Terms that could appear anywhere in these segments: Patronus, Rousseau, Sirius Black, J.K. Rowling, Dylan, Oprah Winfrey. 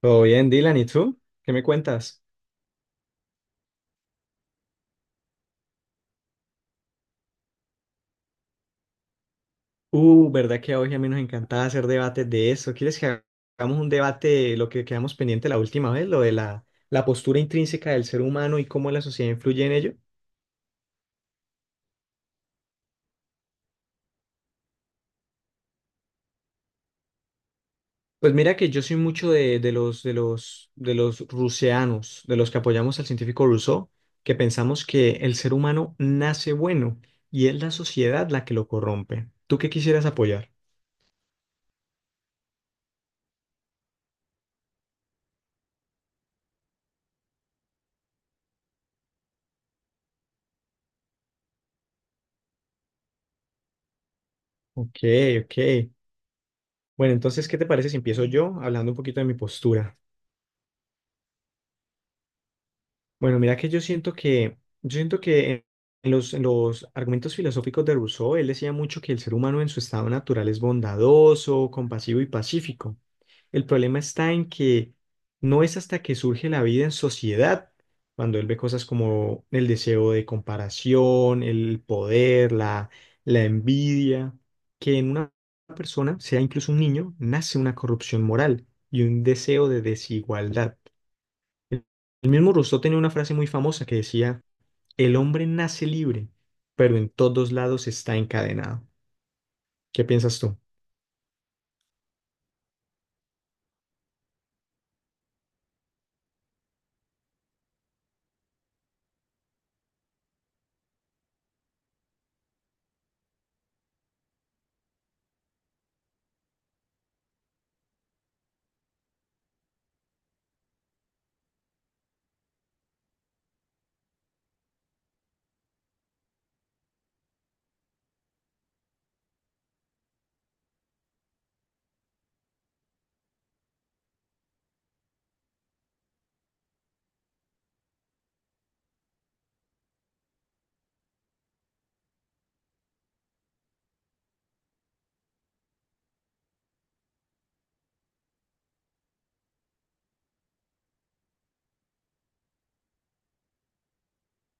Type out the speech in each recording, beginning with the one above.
Todo bien, Dylan, ¿y tú? ¿Qué me cuentas? ¿Verdad que a hoy a mí nos encantaba hacer debates de eso? ¿Quieres que hagamos un debate, lo que quedamos pendiente la última vez, lo de la postura intrínseca del ser humano y cómo la sociedad influye en ello? Pues mira que yo soy mucho de los ruseanos, de los que apoyamos al científico Rousseau, que pensamos que el ser humano nace bueno y es la sociedad la que lo corrompe. ¿Tú qué quisieras apoyar? Ok, ok. Bueno, entonces, ¿qué te parece si empiezo yo hablando un poquito de mi postura? Bueno, mira que yo siento que en los argumentos filosóficos de Rousseau, él decía mucho que el ser humano en su estado natural es bondadoso, compasivo y pacífico. El problema está en que no es hasta que surge la vida en sociedad, cuando él ve cosas como el deseo de comparación, la envidia, que en una persona, sea incluso un niño, nace una corrupción moral y un deseo de desigualdad. El el mismo Rousseau tenía una frase muy famosa que decía: el hombre nace libre, pero en todos lados está encadenado. ¿Qué piensas tú?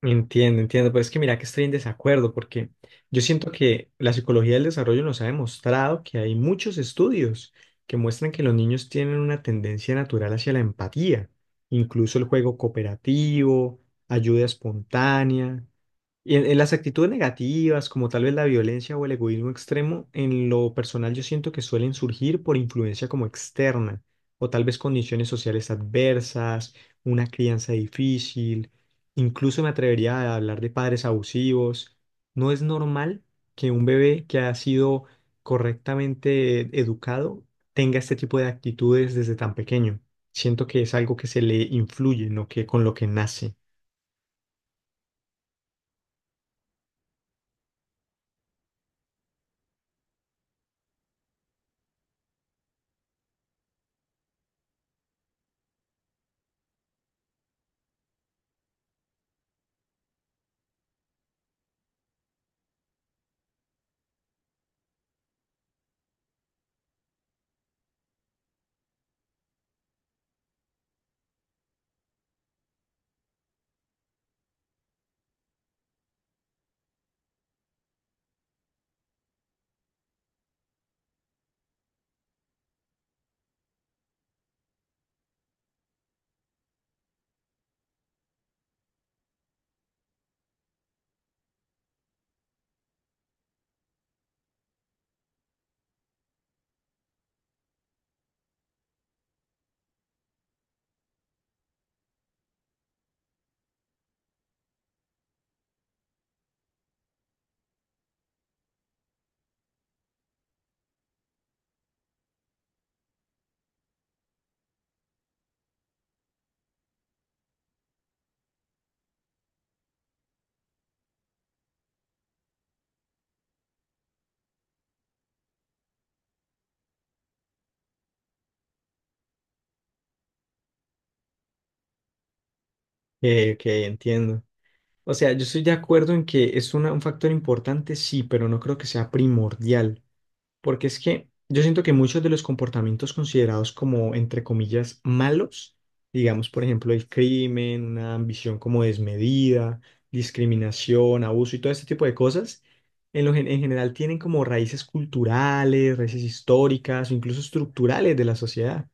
Entiendo, entiendo, pero es que mira que estoy en desacuerdo porque yo siento que la psicología del desarrollo nos ha demostrado que hay muchos estudios que muestran que los niños tienen una tendencia natural hacia la empatía, incluso el juego cooperativo, ayuda espontánea. Y en las actitudes negativas, como tal vez la violencia o el egoísmo extremo, en lo personal yo siento que suelen surgir por influencia como externa, o tal vez condiciones sociales adversas, una crianza difícil, incluso me atrevería a hablar de padres abusivos. No es normal que un bebé que ha sido correctamente educado tenga este tipo de actitudes desde tan pequeño. Siento que es algo que se le influye, no que con lo que nace, que entiendo. O sea, yo estoy de acuerdo en que es un factor importante, sí, pero no creo que sea primordial, porque es que yo siento que muchos de los comportamientos considerados como, entre comillas, malos, digamos, por ejemplo, el crimen, una ambición como desmedida, discriminación, abuso y todo este tipo de cosas, en general tienen como raíces culturales, raíces históricas o incluso estructurales de la sociedad.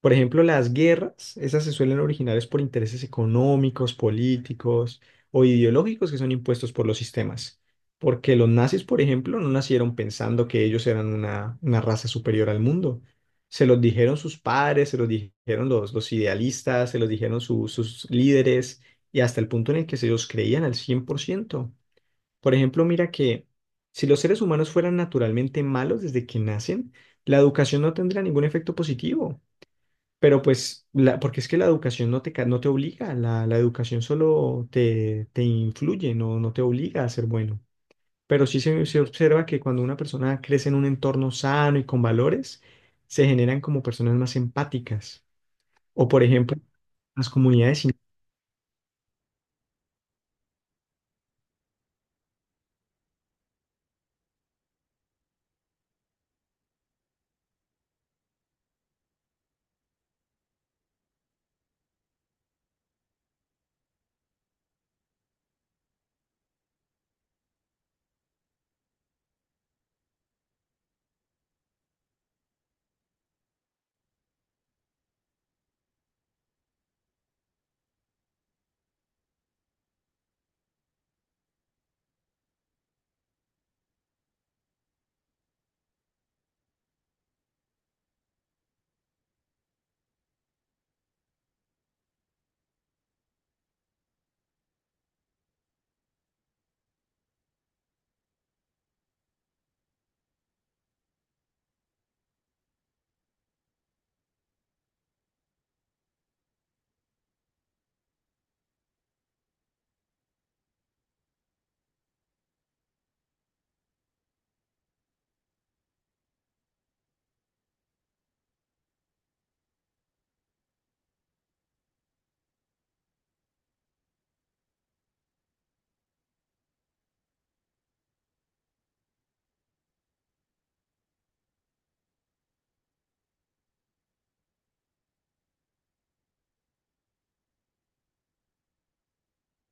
Por ejemplo, las guerras, esas se suelen originar es por intereses económicos, políticos o ideológicos que son impuestos por los sistemas. Porque los nazis, por ejemplo, no nacieron pensando que ellos eran una raza superior al mundo. Se los dijeron sus padres, se los dijeron los idealistas, se los dijeron sus líderes y hasta el punto en el que se ellos creían al 100%. Por ejemplo, mira que si los seres humanos fueran naturalmente malos desde que nacen, la educación no tendría ningún efecto positivo. Pero pues, porque es que la educación no no te obliga, la educación solo te influye, no, no te obliga a ser bueno. Pero sí se observa que cuando una persona crece en un entorno sano y con valores, se generan como personas más empáticas. O por ejemplo, las comunidades.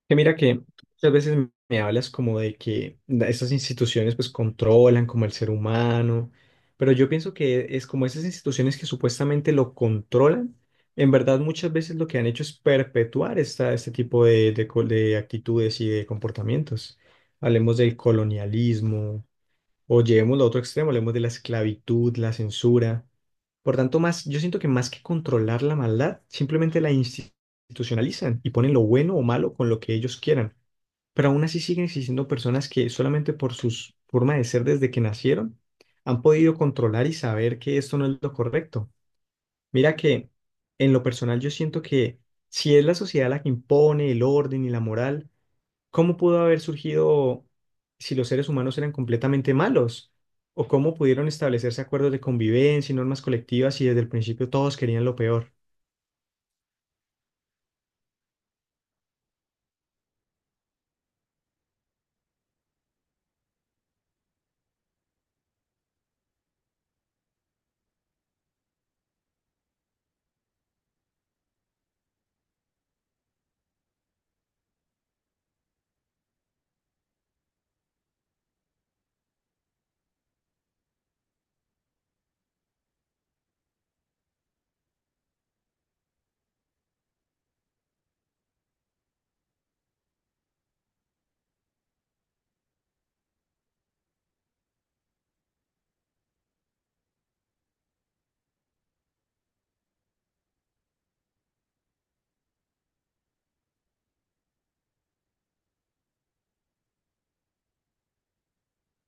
Que mira que tú muchas veces me hablas como de que estas instituciones pues controlan como el ser humano, pero yo pienso que es como esas instituciones que supuestamente lo controlan, en verdad muchas veces lo que han hecho es perpetuar este tipo de actitudes y de comportamientos. Hablemos del colonialismo, o llevemos lo otro extremo, hablemos de la esclavitud, la censura. Por tanto, más, yo siento que más que controlar la maldad, simplemente la institucionalizan y ponen lo bueno o malo con lo que ellos quieran. Pero aún así siguen existiendo personas que solamente por su forma de ser desde que nacieron han podido controlar y saber que esto no es lo correcto. Mira que en lo personal yo siento que si es la sociedad la que impone el orden y la moral, ¿cómo pudo haber surgido si los seres humanos eran completamente malos? ¿O cómo pudieron establecerse acuerdos de convivencia y normas colectivas si desde el principio todos querían lo peor?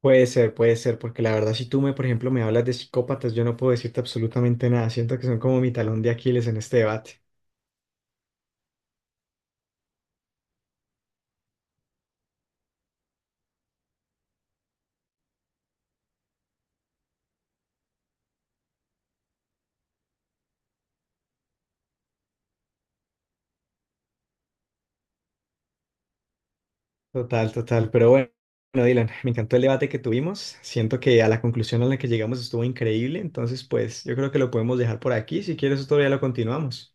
Puede ser, porque la verdad si tú me, por ejemplo, me hablas de psicópatas, yo no puedo decirte absolutamente nada. Siento que son como mi talón de Aquiles en este debate. Total, total. Pero bueno, Dylan, me encantó el debate que tuvimos. Siento que a la conclusión a la que llegamos estuvo increíble. Entonces, pues yo creo que lo podemos dejar por aquí. Si quieres, otro día lo continuamos.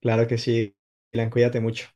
Claro que sí, Dylan, cuídate mucho.